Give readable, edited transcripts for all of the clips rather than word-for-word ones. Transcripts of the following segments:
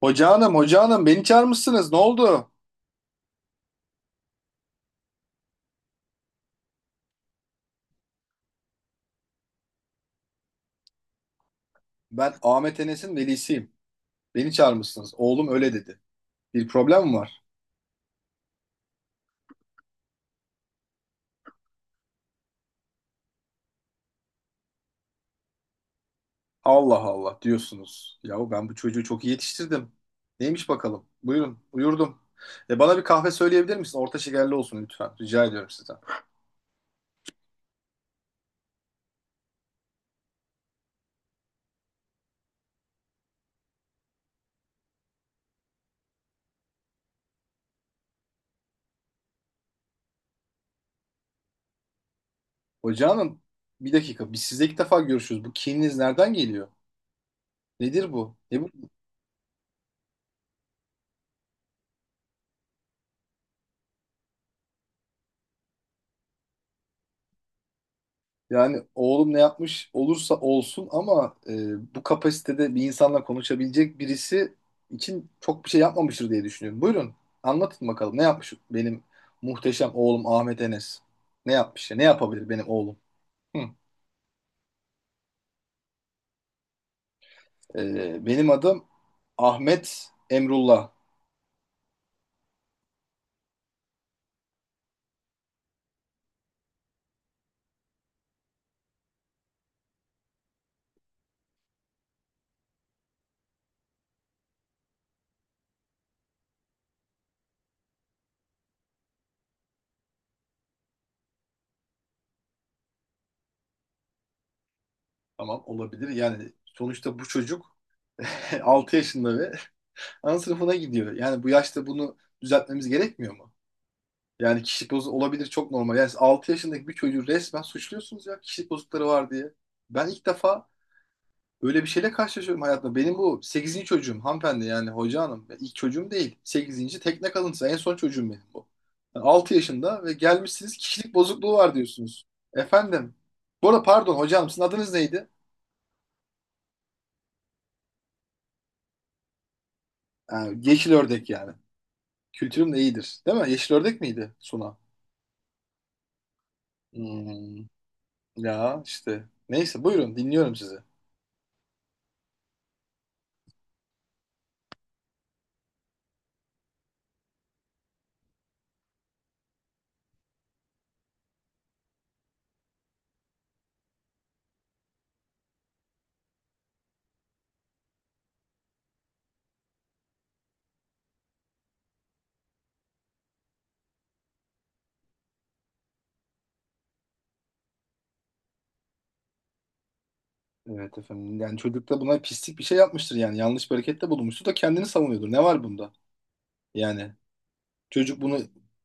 Hoca hanım, hoca hanım beni çağırmışsınız. Ne oldu? Ben Ahmet Enes'in velisiyim. Beni çağırmışsınız. Oğlum öyle dedi. Bir problem mi var? Allah Allah diyorsunuz. Yahu ben bu çocuğu çok iyi yetiştirdim. Neymiş bakalım? Buyurun, buyurdum. E bana bir kahve söyleyebilir misin? Orta şekerli olsun lütfen. Rica ediyorum sizden. Hoca hanım, bir dakika. Biz sizle ilk defa görüşüyoruz. Bu kininiz nereden geliyor? Nedir bu? Ne bu? Yani oğlum ne yapmış olursa olsun ama bu kapasitede bir insanla konuşabilecek birisi için çok bir şey yapmamıştır diye düşünüyorum. Buyurun anlatın bakalım ne yapmış benim muhteşem oğlum Ahmet Enes. Ne yapmış ya? Ne yapabilir benim oğlum? Hı. Benim adım Ahmet Emrullah. Tamam olabilir. Yani sonuçta bu çocuk 6 yaşında ve ana sınıfına gidiyor. Yani bu yaşta bunu düzeltmemiz gerekmiyor mu? Yani kişilik bozukluğu olabilir çok normal. Yani 6 yaşındaki bir çocuğu resmen suçluyorsunuz ya kişilik bozuklukları var diye. Ben ilk defa öyle bir şeyle karşılaşıyorum hayatımda. Benim bu sekizinci çocuğum hanımefendi yani hoca hanım. Ya İlk çocuğum değil. 8. tekne kalıntısı en son çocuğum benim bu. Yani 6 yaşında ve gelmişsiniz kişilik bozukluğu var diyorsunuz. Efendim. Bu arada pardon hocam sizin adınız neydi? Ha, yeşil ördek yani. Kültürüm de iyidir. Değil mi? Yeşil ördek miydi Suna? Hmm, ya işte. Neyse buyurun dinliyorum sizi. Evet efendim. Yani çocuk da buna pislik bir şey yapmıştır yani. Yanlış bir harekette bulunmuştur da kendini savunuyordur. Ne var bunda? Yani çocuk bunu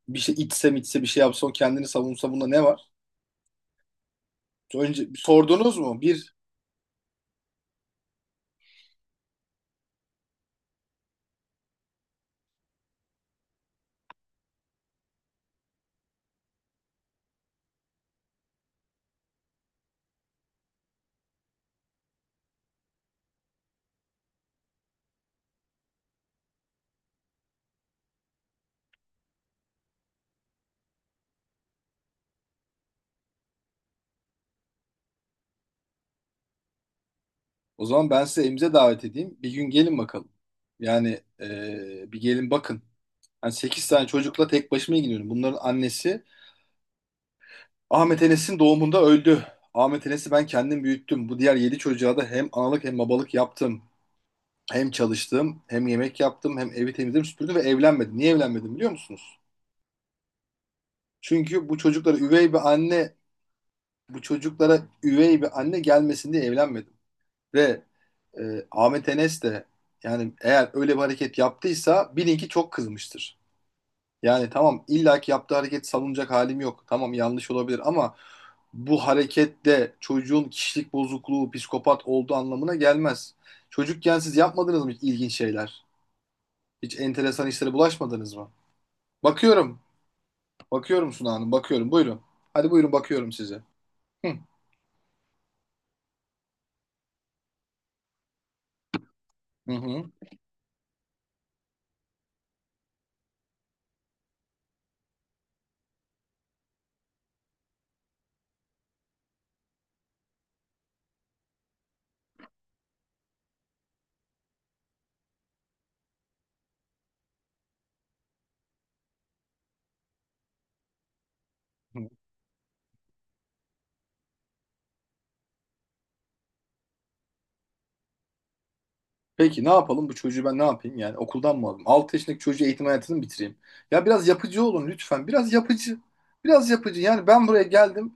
bir şey içse mi içse bir şey yapsa o kendini savunsa bunda ne var? Önce sordunuz mu? Bir. O zaman ben size evimize davet edeyim. Bir gün gelin bakalım. Yani bir gelin bakın. Yani 8 tane çocukla tek başıma ilgileniyorum. Bunların annesi Ahmet Enes'in doğumunda öldü. Ahmet Enes'i ben kendim büyüttüm. Bu diğer 7 çocuğa da hem analık hem babalık yaptım. Hem çalıştım, hem yemek yaptım, hem evi temizledim, süpürdüm ve evlenmedim. Niye evlenmedim biliyor musunuz? Çünkü bu çocuklara üvey bir anne, bu çocuklara üvey bir anne gelmesin diye evlenmedim. Ve e, Ahmet Enes de yani eğer öyle bir hareket yaptıysa bilin ki çok kızmıştır. Yani tamam illaki yaptığı hareket savunacak halim yok. Tamam yanlış olabilir ama bu hareket de çocuğun kişilik bozukluğu, psikopat olduğu anlamına gelmez. Çocukken siz yapmadınız mı hiç ilginç şeyler? Hiç enteresan işlere bulaşmadınız mı? Bakıyorum. Bakıyorum Suna Hanım, bakıyorum. Buyurun. Hadi buyurun bakıyorum size. Hı. Hı hı. Hı. Peki ne yapalım bu çocuğu ben ne yapayım yani okuldan mı alayım? 6 yaşındaki çocuğu eğitim hayatını mı bitireyim? Ya biraz yapıcı olun lütfen. Biraz yapıcı. Biraz yapıcı. Yani ben buraya geldim.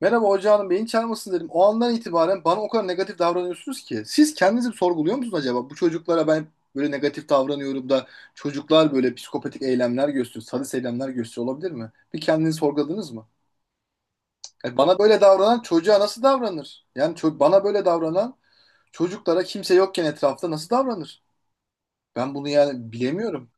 Merhaba hoca hanım beyin çarpmasın dedim. O andan itibaren bana o kadar negatif davranıyorsunuz ki. Siz kendinizi sorguluyor musunuz acaba? Bu çocuklara ben böyle negatif davranıyorum da çocuklar böyle psikopatik eylemler gösteriyor, sadist eylemler gösteriyor olabilir mi? Bir kendinizi sorguladınız mı? Bana böyle davranan çocuğa nasıl davranır? Yani bana böyle davranan çocuklara kimse yokken etrafta nasıl davranır? Ben bunu yani bilemiyorum.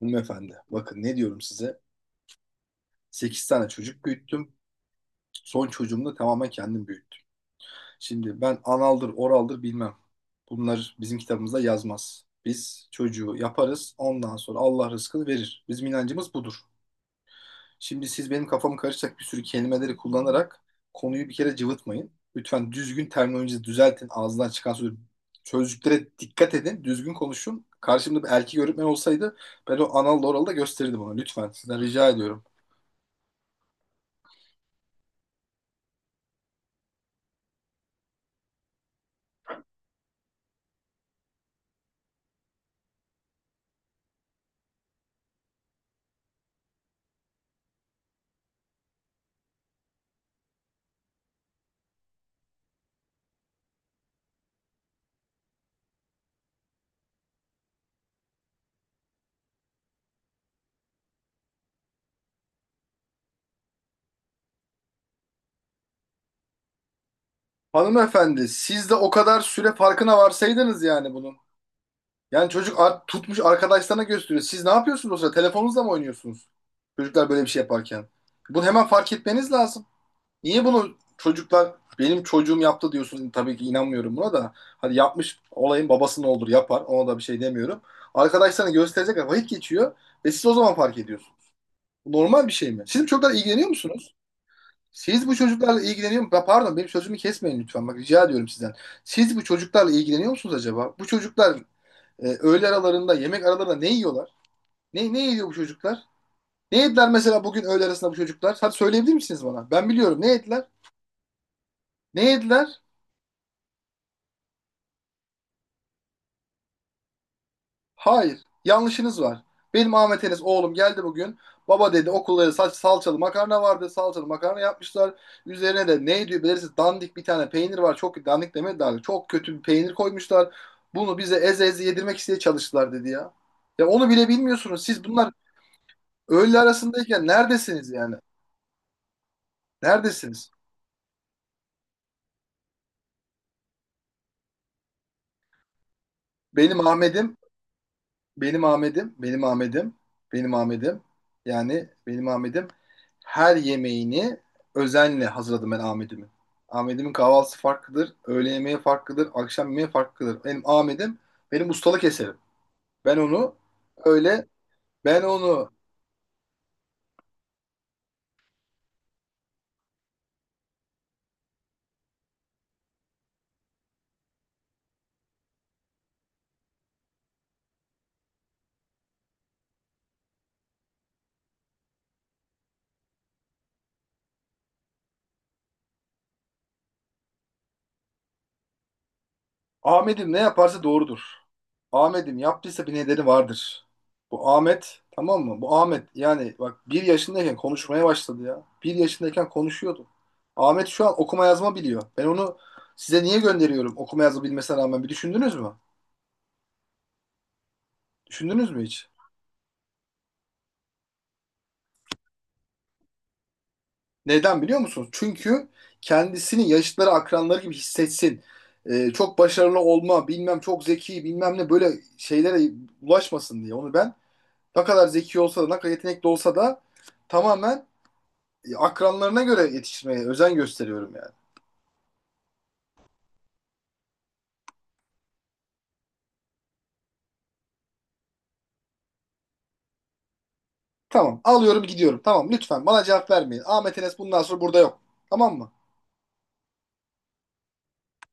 Hanımefendi, bakın ne diyorum size. 8 tane çocuk büyüttüm. Son çocuğumu da tamamen kendim büyüttüm. Şimdi ben analdır, oraldır bilmem. Bunlar bizim kitabımızda yazmaz. Biz çocuğu yaparız, ondan sonra Allah rızkını verir. Bizim inancımız budur. Şimdi siz benim kafamı karışacak bir sürü kelimeleri kullanarak konuyu bir kere cıvıtmayın. Lütfen düzgün terminolojinizi düzeltin. Ağzından çıkan sözü sözcüklere dikkat edin. Düzgün konuşun. Karşımda bir erkek öğretmen olsaydı ben o anal oralı da gösterirdim ona. Lütfen sizden rica ediyorum. Hanımefendi siz de o kadar süre farkına varsaydınız yani bunun. Yani çocuk tutmuş arkadaşlarına gösteriyor. Siz ne yapıyorsunuz o sırada? Telefonunuzla mı oynuyorsunuz? Çocuklar böyle bir şey yaparken. Bunu hemen fark etmeniz lazım. Niye bunu çocuklar benim çocuğum yaptı diyorsun tabii ki inanmıyorum buna da. Hadi yapmış olayın babası ne olur yapar ona da bir şey demiyorum. Arkadaşlarına gösterecekler vakit geçiyor ve siz o zaman fark ediyorsunuz. Bu normal bir şey mi? Siz bu çocuklarla ilgileniyor musunuz? Siz bu çocuklarla ilgileniyor musunuz? Pardon benim sözümü kesmeyin lütfen bak rica ediyorum sizden. Siz bu çocuklarla ilgileniyor musunuz acaba? Bu çocuklar öğle aralarında yemek aralarında ne yiyorlar? Ne yiyor bu çocuklar? Ne yediler mesela bugün öğle arasında bu çocuklar? Hadi söyleyebilir misiniz bana? Ben biliyorum ne yediler? Ne yediler? Hayır. Yanlışınız var. Benim Ahmet Enes oğlum geldi bugün. Baba dedi okulları salçalı makarna vardı. Salçalı makarna yapmışlar. Üzerine de ne diyor bilirsiniz dandik bir tane peynir var. Çok dandik demedi daha. Çok kötü bir peynir koymuşlar. Bunu bize eze eze yedirmek isteye çalıştılar dedi ya. Ya onu bile bilmiyorsunuz. Siz bunlar öğle arasındayken neredesiniz yani? Neredesiniz? Benim Ahmet'im. Benim Ahmet'im, benim Ahmet'im, benim Ahmet'im. Yani benim Ahmet'im. Her yemeğini özenle hazırladım ben Ahmet'imin. Ahmet'imin kahvaltısı farklıdır, öğle yemeği farklıdır, akşam yemeği farklıdır. Benim Ahmet'im benim ustalık eserim. Ben onu öyle ben onu Ahmet'im ne yaparsa doğrudur. Ahmet'im yaptıysa bir nedeni vardır. Bu Ahmet tamam mı? Bu Ahmet yani bak bir yaşındayken konuşmaya başladı ya. Bir yaşındayken konuşuyordu. Ahmet şu an okuma yazma biliyor. Ben onu size niye gönderiyorum okuma yazma bilmesine rağmen bir düşündünüz mü? Düşündünüz mü hiç? Neden biliyor musunuz? Çünkü kendisini yaşıtları akranları gibi hissetsin. Çok başarılı olma bilmem çok zeki bilmem ne böyle şeylere ulaşmasın diye. Onu ben ne kadar zeki olsa da ne kadar yetenekli olsa da tamamen akranlarına göre yetiştirmeye özen gösteriyorum yani. Tamam alıyorum gidiyorum. Tamam lütfen bana cevap vermeyin. Ahmet Enes bundan sonra burada yok. Tamam mı?